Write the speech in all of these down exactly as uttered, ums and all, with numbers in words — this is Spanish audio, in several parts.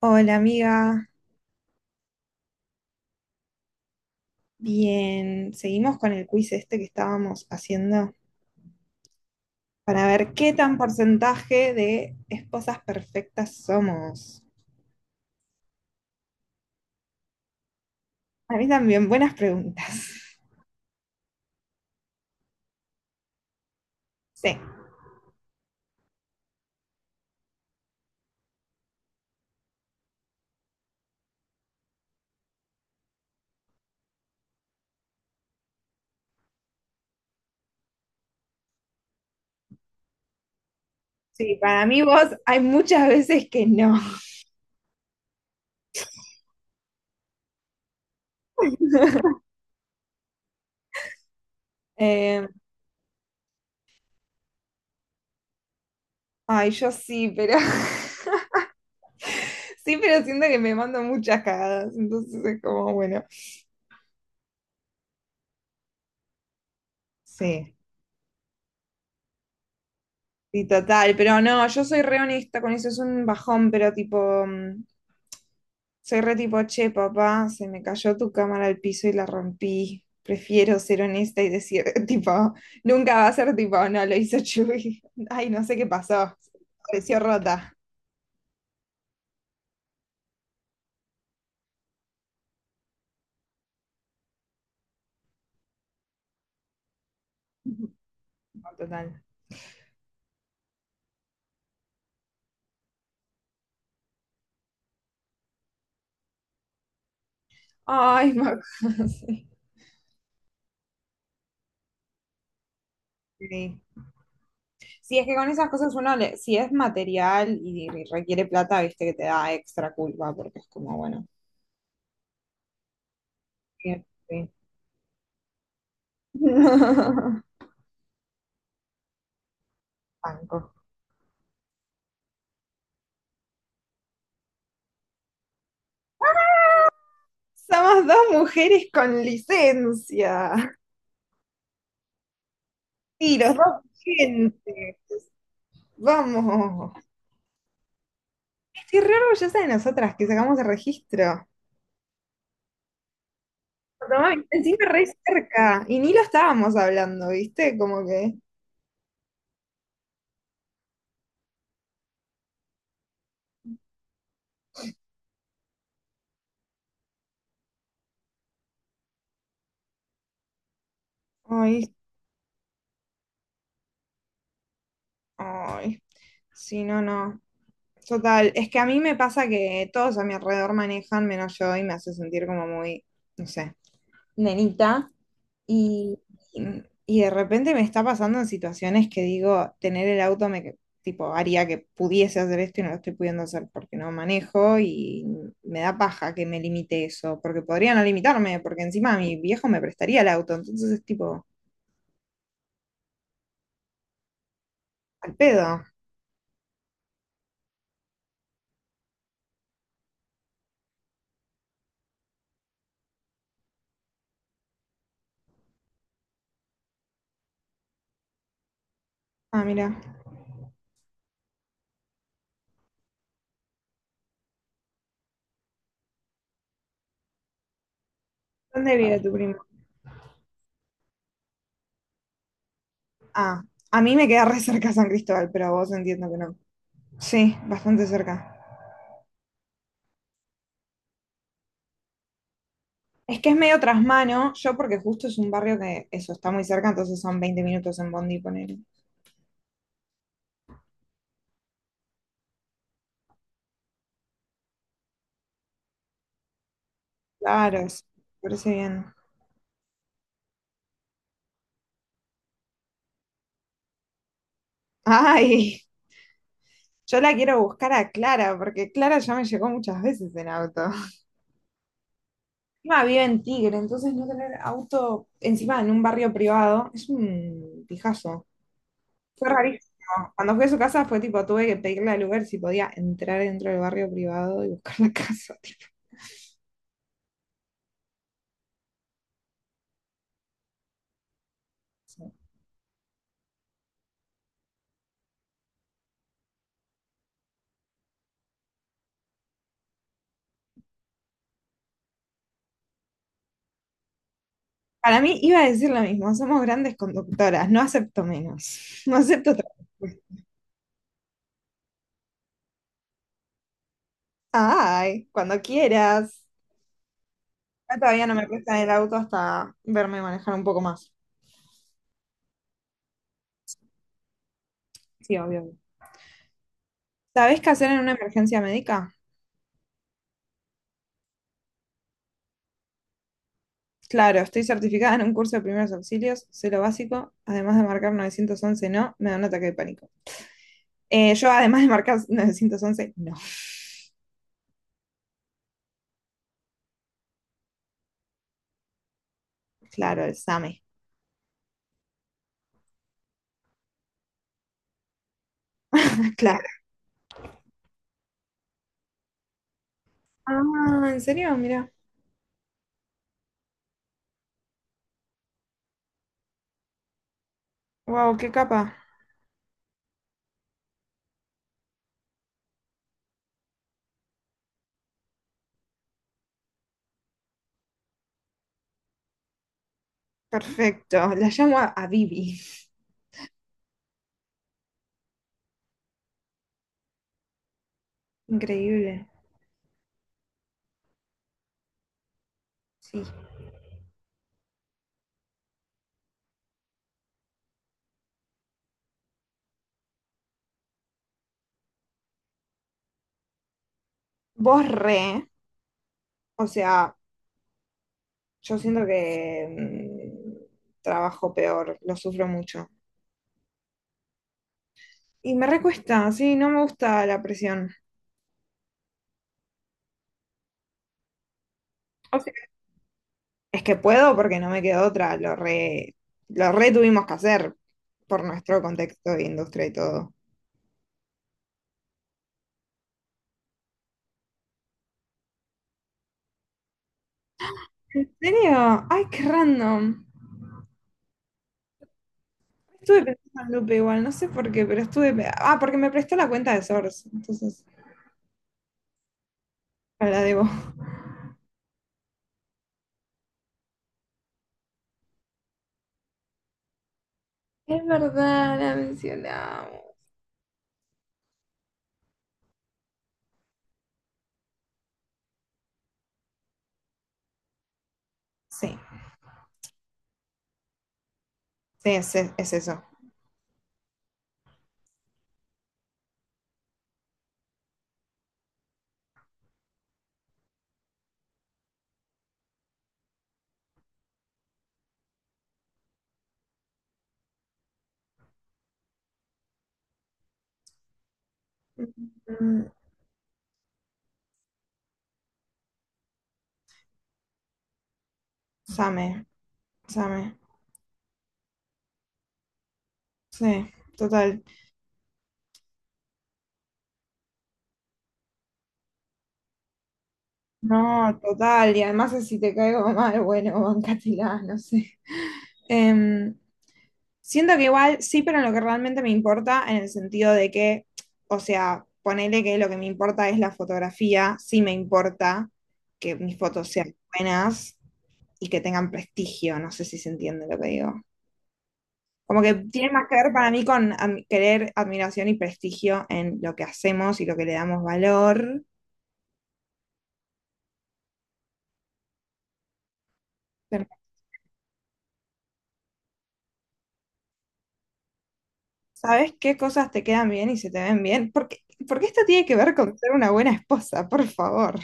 Hola amiga, bien, seguimos con el quiz este que estábamos haciendo para ver qué tan porcentaje de esposas perfectas somos. A mí también, buenas preguntas. Sí, sí, para mí vos hay muchas veces que no. Eh, ay, yo sí, pero sí, pero siento que me mando muchas cagadas, entonces es como, bueno, sí. Sí, total, pero no, yo soy re honesta con eso, es un bajón, pero tipo, mm, soy re tipo, che, papá, se me cayó tu cámara al piso y la rompí. Prefiero ser honesta y decir, tipo, nunca va a ser tipo, no, lo hizo Chuy. Ay, no sé qué pasó. Pareció rota. No, total. Ay, Mac- sí. Sí. Si es que con esas cosas uno, le- si es material y requiere plata, viste que te da extra culpa, porque es como, bueno. Sí, sí. Banco. Somos dos mujeres con licencia. Sí, los dos vigentes. Vamos. Estoy re orgullosa de nosotras que sacamos el registro. Tomá, encima re cerca. Y ni lo estábamos hablando, ¿viste? Como que. Ay, ay. Sí, no, no. Total. Es que a mí me pasa que todos a mi alrededor manejan menos yo y me hace sentir como muy, no sé. Nenita. Y, y de repente me está pasando en situaciones que digo, tener el auto me tipo haría que pudiese hacer esto y no lo estoy pudiendo hacer porque no manejo y me da paja que me limite eso, porque podría no limitarme, porque encima mi viejo me prestaría el auto, entonces es tipo, al pedo. Ah, mira, ¿dónde vive tu primo? Ah, a mí me queda re cerca San Cristóbal, pero a vos entiendo que no. Sí, bastante cerca. Es que es medio trasmano, yo porque justo es un barrio que eso está muy cerca, entonces son veinte minutos en Bondi, poner claro, sí, me parece bien. Ay, yo la quiero buscar a Clara, porque Clara ya me llegó muchas veces en auto. Encima vive en Tigre, entonces no tener auto encima en un barrio privado es un pijazo. Fue rarísimo. Cuando fui a su casa fue tipo, tuve que pedirle al Uber si podía entrar dentro del barrio privado y buscar la casa. tipo, sí. Para mí iba a decir lo mismo, somos grandes conductoras, no acepto menos. No acepto otra respuesta. Ay, cuando quieras. Acá todavía no me prestan el auto hasta verme manejar un poco más. Sí, obvio. Obvio. ¿Sabés qué hacer en una emergencia médica? Claro, estoy certificada en un curso de primeros auxilios, sé lo básico, además de marcar novecientos once, no, me da un ataque de pánico. Eh, yo además de marcar novecientos once, no. Claro, el SAME. Claro. Ah, ¿en serio? Mira. Wow, qué capa. Perfecto. La llamo a, a Bibi. Increíble. Sí. Vos re, o sea, yo siento que mm, trabajo peor, lo sufro mucho. Y me recuesta, sí, no me gusta la presión. O sea, es que puedo porque no me quedó otra, lo re, lo re tuvimos que hacer por nuestro contexto de industria y todo. ¿En serio? Ay, qué random. Estuve pensando en Lupe igual, no sé por qué, pero estuve... pe- ah, porque me prestó la cuenta de Source, entonces la debo. Es verdad, la mencionamos. Sí, sí, es, es eso. Mm, Same, same, sí, total. No, total, y además si te caigo mal, bueno, bancátela, no sé. Em, siento que igual sí, pero en lo que realmente me importa, en el sentido de que, o sea, ponele que lo que me importa es la fotografía, sí me importa que mis fotos sean buenas y que tengan prestigio, no sé si se entiende lo que digo. Como que tiene más que ver para mí con am- querer admiración y prestigio en lo que hacemos y lo que le damos valor. ¿Sabes qué cosas te quedan bien y se te ven bien? Porque, porque esto tiene que ver con ser una buena esposa, por favor.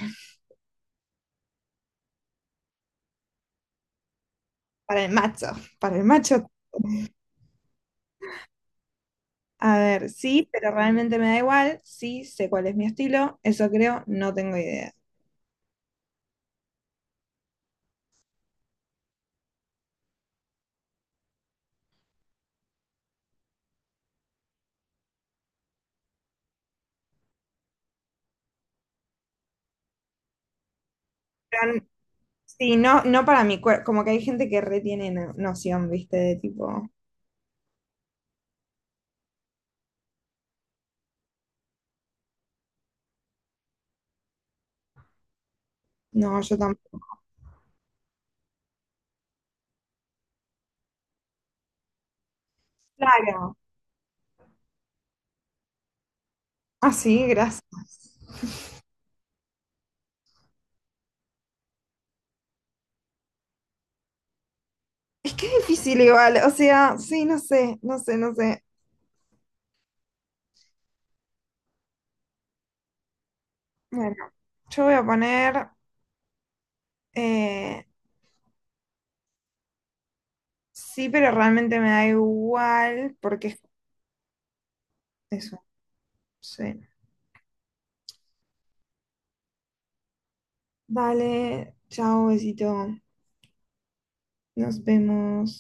Para el macho, para el macho. A ver, sí, pero realmente me da igual. Sí, sé cuál es mi estilo. Eso creo, no tengo idea. Pero, sí, no, no para mi cuerpo. Como que hay gente que retiene no- noción, ¿viste? De tipo, no, yo tampoco. Claro. Ah, sí, gracias. Es que es difícil igual. O sea, sí, no sé, no sé, no sé. Bueno, yo voy a poner eh, sí, pero realmente me da igual porque es eso. Sí. Dale, chao, besito. Nos vemos.